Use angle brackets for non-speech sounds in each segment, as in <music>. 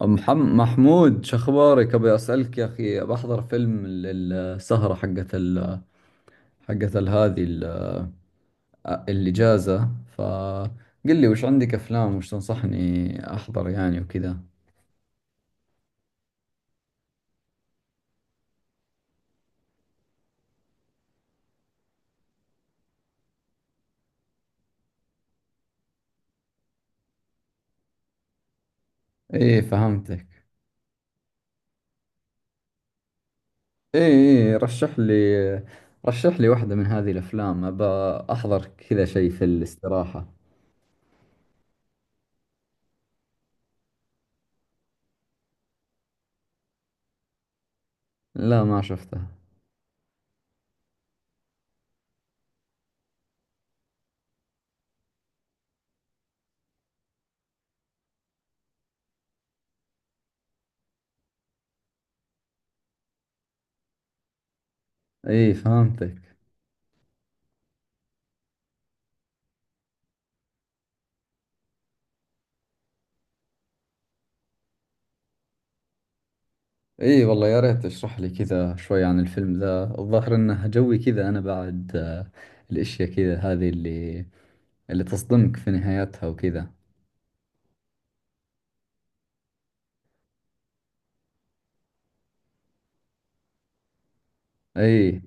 محمود، شو اخبارك؟ ابي اسالك يا اخي. بحضر فيلم السهره حقت ال... حقت ال- هذه ال... الاجازه. فقل لي وش عندك افلام، وش تنصحني احضر يعني وكذا. ايه، فهمتك. ايه ايه، رشح لي رشح لي واحده من هذه الافلام، ابى احضر كذا شيء في الاستراحه. لا، ما شفتها. ايه، فهمتك. اي والله، يا ريت تشرح لي كذا شوي عن الفيلم ذا. الظاهر انه جوي كذا. انا بعد الاشياء كذا، هذه اللي تصدمك في نهايتها وكذا. اي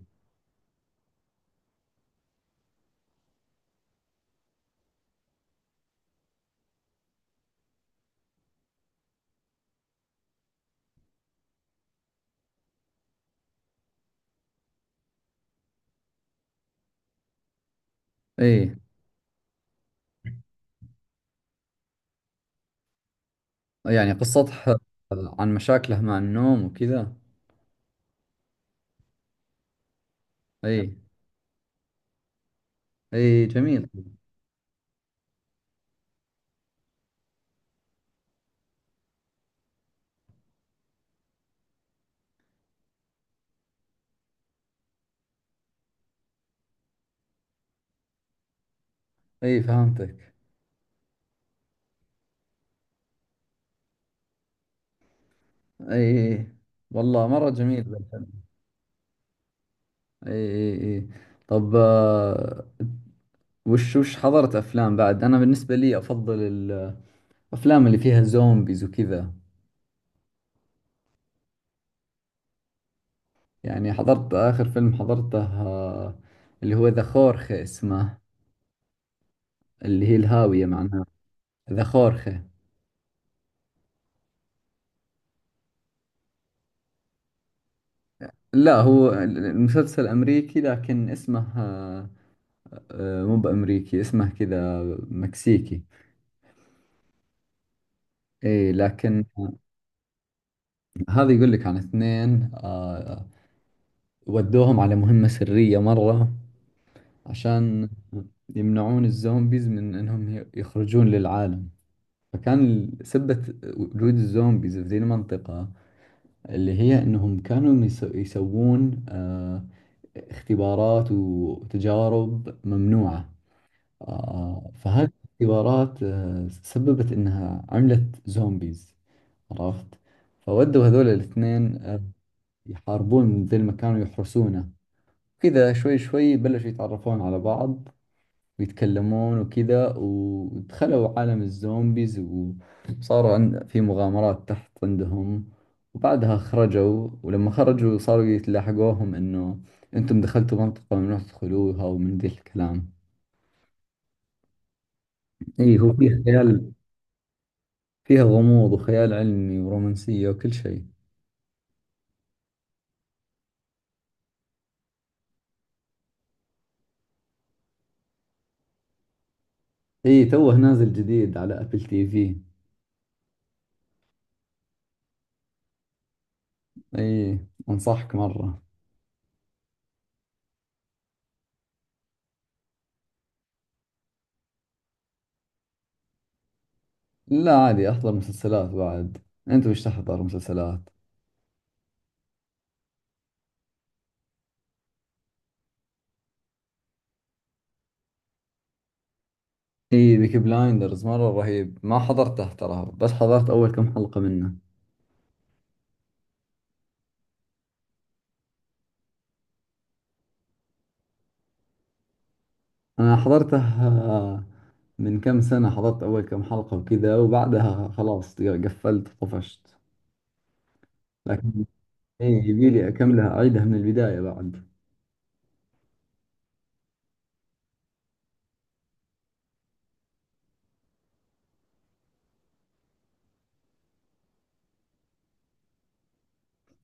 اي. يعني قصتها عن مشاكله مع النوم وكذا. اي اي، جميل. اي فهمتك. اي والله، مرة جميل ذا الفيلم. اي اي اي. طب، وش حضرت افلام بعد؟ انا بالنسبة لي افضل الافلام اللي فيها زومبيز وكذا. يعني حضرت آخر فيلم حضرته، اللي هو ذا خورخي اسمه، اللي هي الهاوية معناها. ذا خورخي. لا، هو المسلسل أمريكي، لكن اسمه مو بأمريكي، اسمه كذا مكسيكي. إيه لكن، هذا يقول لك عن اثنين ودوهم على مهمة سرية مرة عشان يمنعون الزومبيز من انهم يخرجون للعالم. فكان سبة وجود الزومبيز في ذي المنطقة، اللي هي انهم كانوا يسوون اختبارات وتجارب ممنوعة. فهذه الاختبارات سببت انها عملت زومبيز، عرفت. فودوا هذول الاثنين يحاربون ذي المكان ويحرسونه. كذا شوي شوي بلشوا يتعرفون على بعض ويتكلمون وكذا، ودخلوا عالم الزومبيز وصاروا عند في مغامرات تحت عندهم. وبعدها خرجوا، ولما خرجوا صاروا يتلاحقوهم انه انتم دخلتوا منطقة ممنوع تدخلوها ومن ذي الكلام. اي، هو فيه خيال، فيها غموض وخيال علمي ورومانسية وكل شيء. اي، توه نازل جديد على ابل تي في. اي، انصحك مرة. لا عادي، احضر مسلسلات بعد. انت وش تحضر مسلسلات؟ اي، بيكي بلايندرز مرة رهيب، ما حضرته ترى، بس حضرت اول كم حلقة منه. انا حضرته آه، من كم سنة، حضرت اول كم حلقة وكذا، وبعدها خلاص قفلت طفشت. لكن، اي يبيلي اكملها، اعيدها من البداية بعد.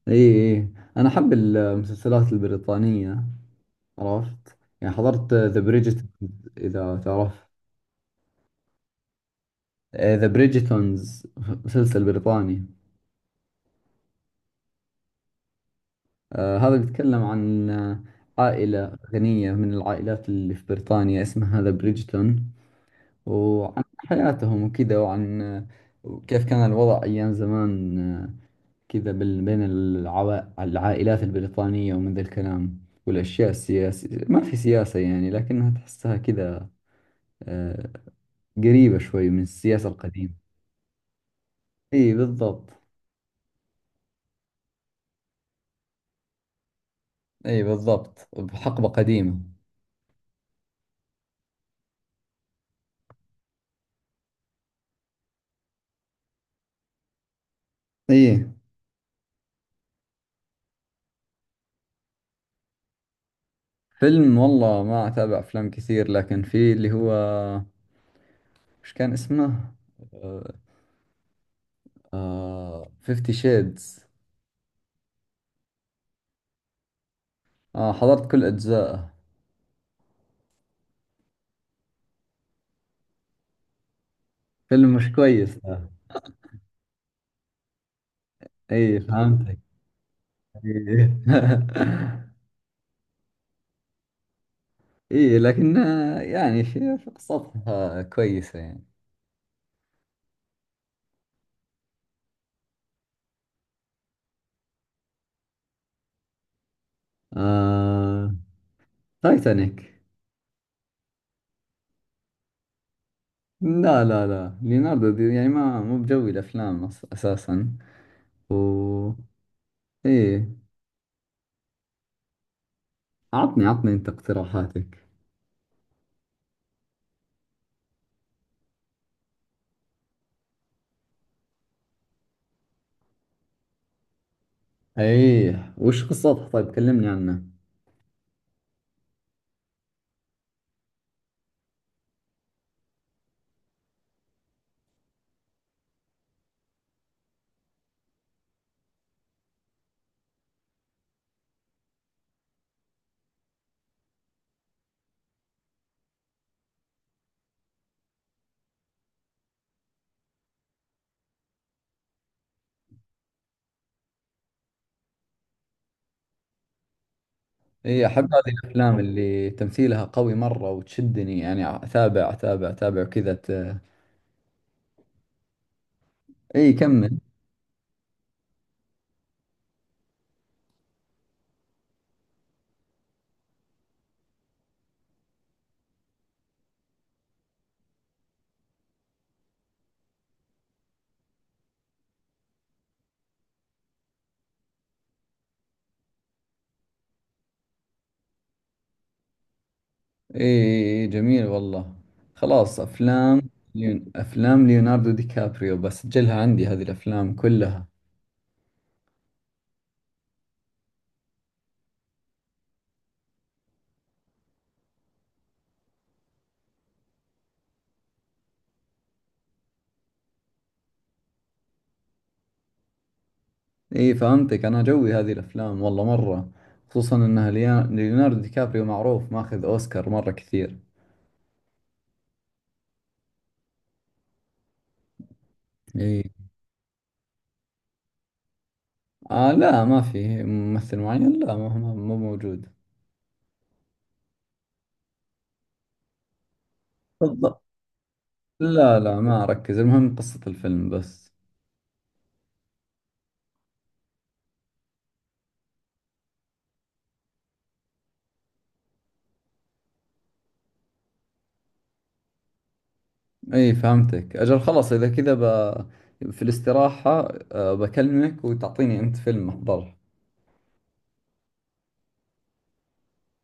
اي اي. انا احب المسلسلات البريطانية، عرفت؟ يعني حضرت ذا بريجيتونز، اذا تعرف. ذا بريجيتونز، مسلسل بريطاني. هذا بيتكلم عن عائلة غنية من العائلات اللي في بريطانيا، اسمها ذا بريدجتون، وعن حياتهم وكذا، وعن كيف كان الوضع أيام زمان، كذا بين العائلات البريطانية ومن ذا الكلام. والأشياء السياسية، ما في سياسة يعني، لكنها تحسها كذا آه، قريبة شوي من السياسة القديمة. إي بالضبط. إي بالضبط، بحقبة قديمة. إي. فيلم والله ما أتابع أفلام كثير، لكن في اللي هو، مش كان اسمه فيفتي شيدز. حضرت كل أجزائه. فيلم مش كويس ده. إي فهمتك. إي <laughs> إي لكن، يعني في قصتها كويسة يعني. آه تايتانيك. لا لا لا، ليوناردو دي يعني، ما مو بجوي الأفلام أساسا. و. إي. عطني عطني أنت اقتراحاتك. ايه، وش قصتها؟ طيب كلمني عنها. ايه، احب هذه الافلام اللي تمثيلها قوي مرة وتشدني، يعني اتابع اتابع اتابع كذا ايه، كمل. ايه جميل والله. خلاص، افلام افلام ليوناردو دي كابريو بسجلها عندي، هذه الافلام كلها. ايه فهمتك، انا جوي هذه الافلام والله مرة، خصوصا انها ليوناردو دي كابريو معروف ماخذ اوسكار مرة كثير. ايه. لا، ما في ممثل معين، لا ما هو مو موجود. بالض- لا لا، ما أركز، المهم قصة الفيلم بس. أي فهمتك أجل. خلاص، إذا كذا في الاستراحة بكلمك، وتعطيني أنت فيلم أحضره.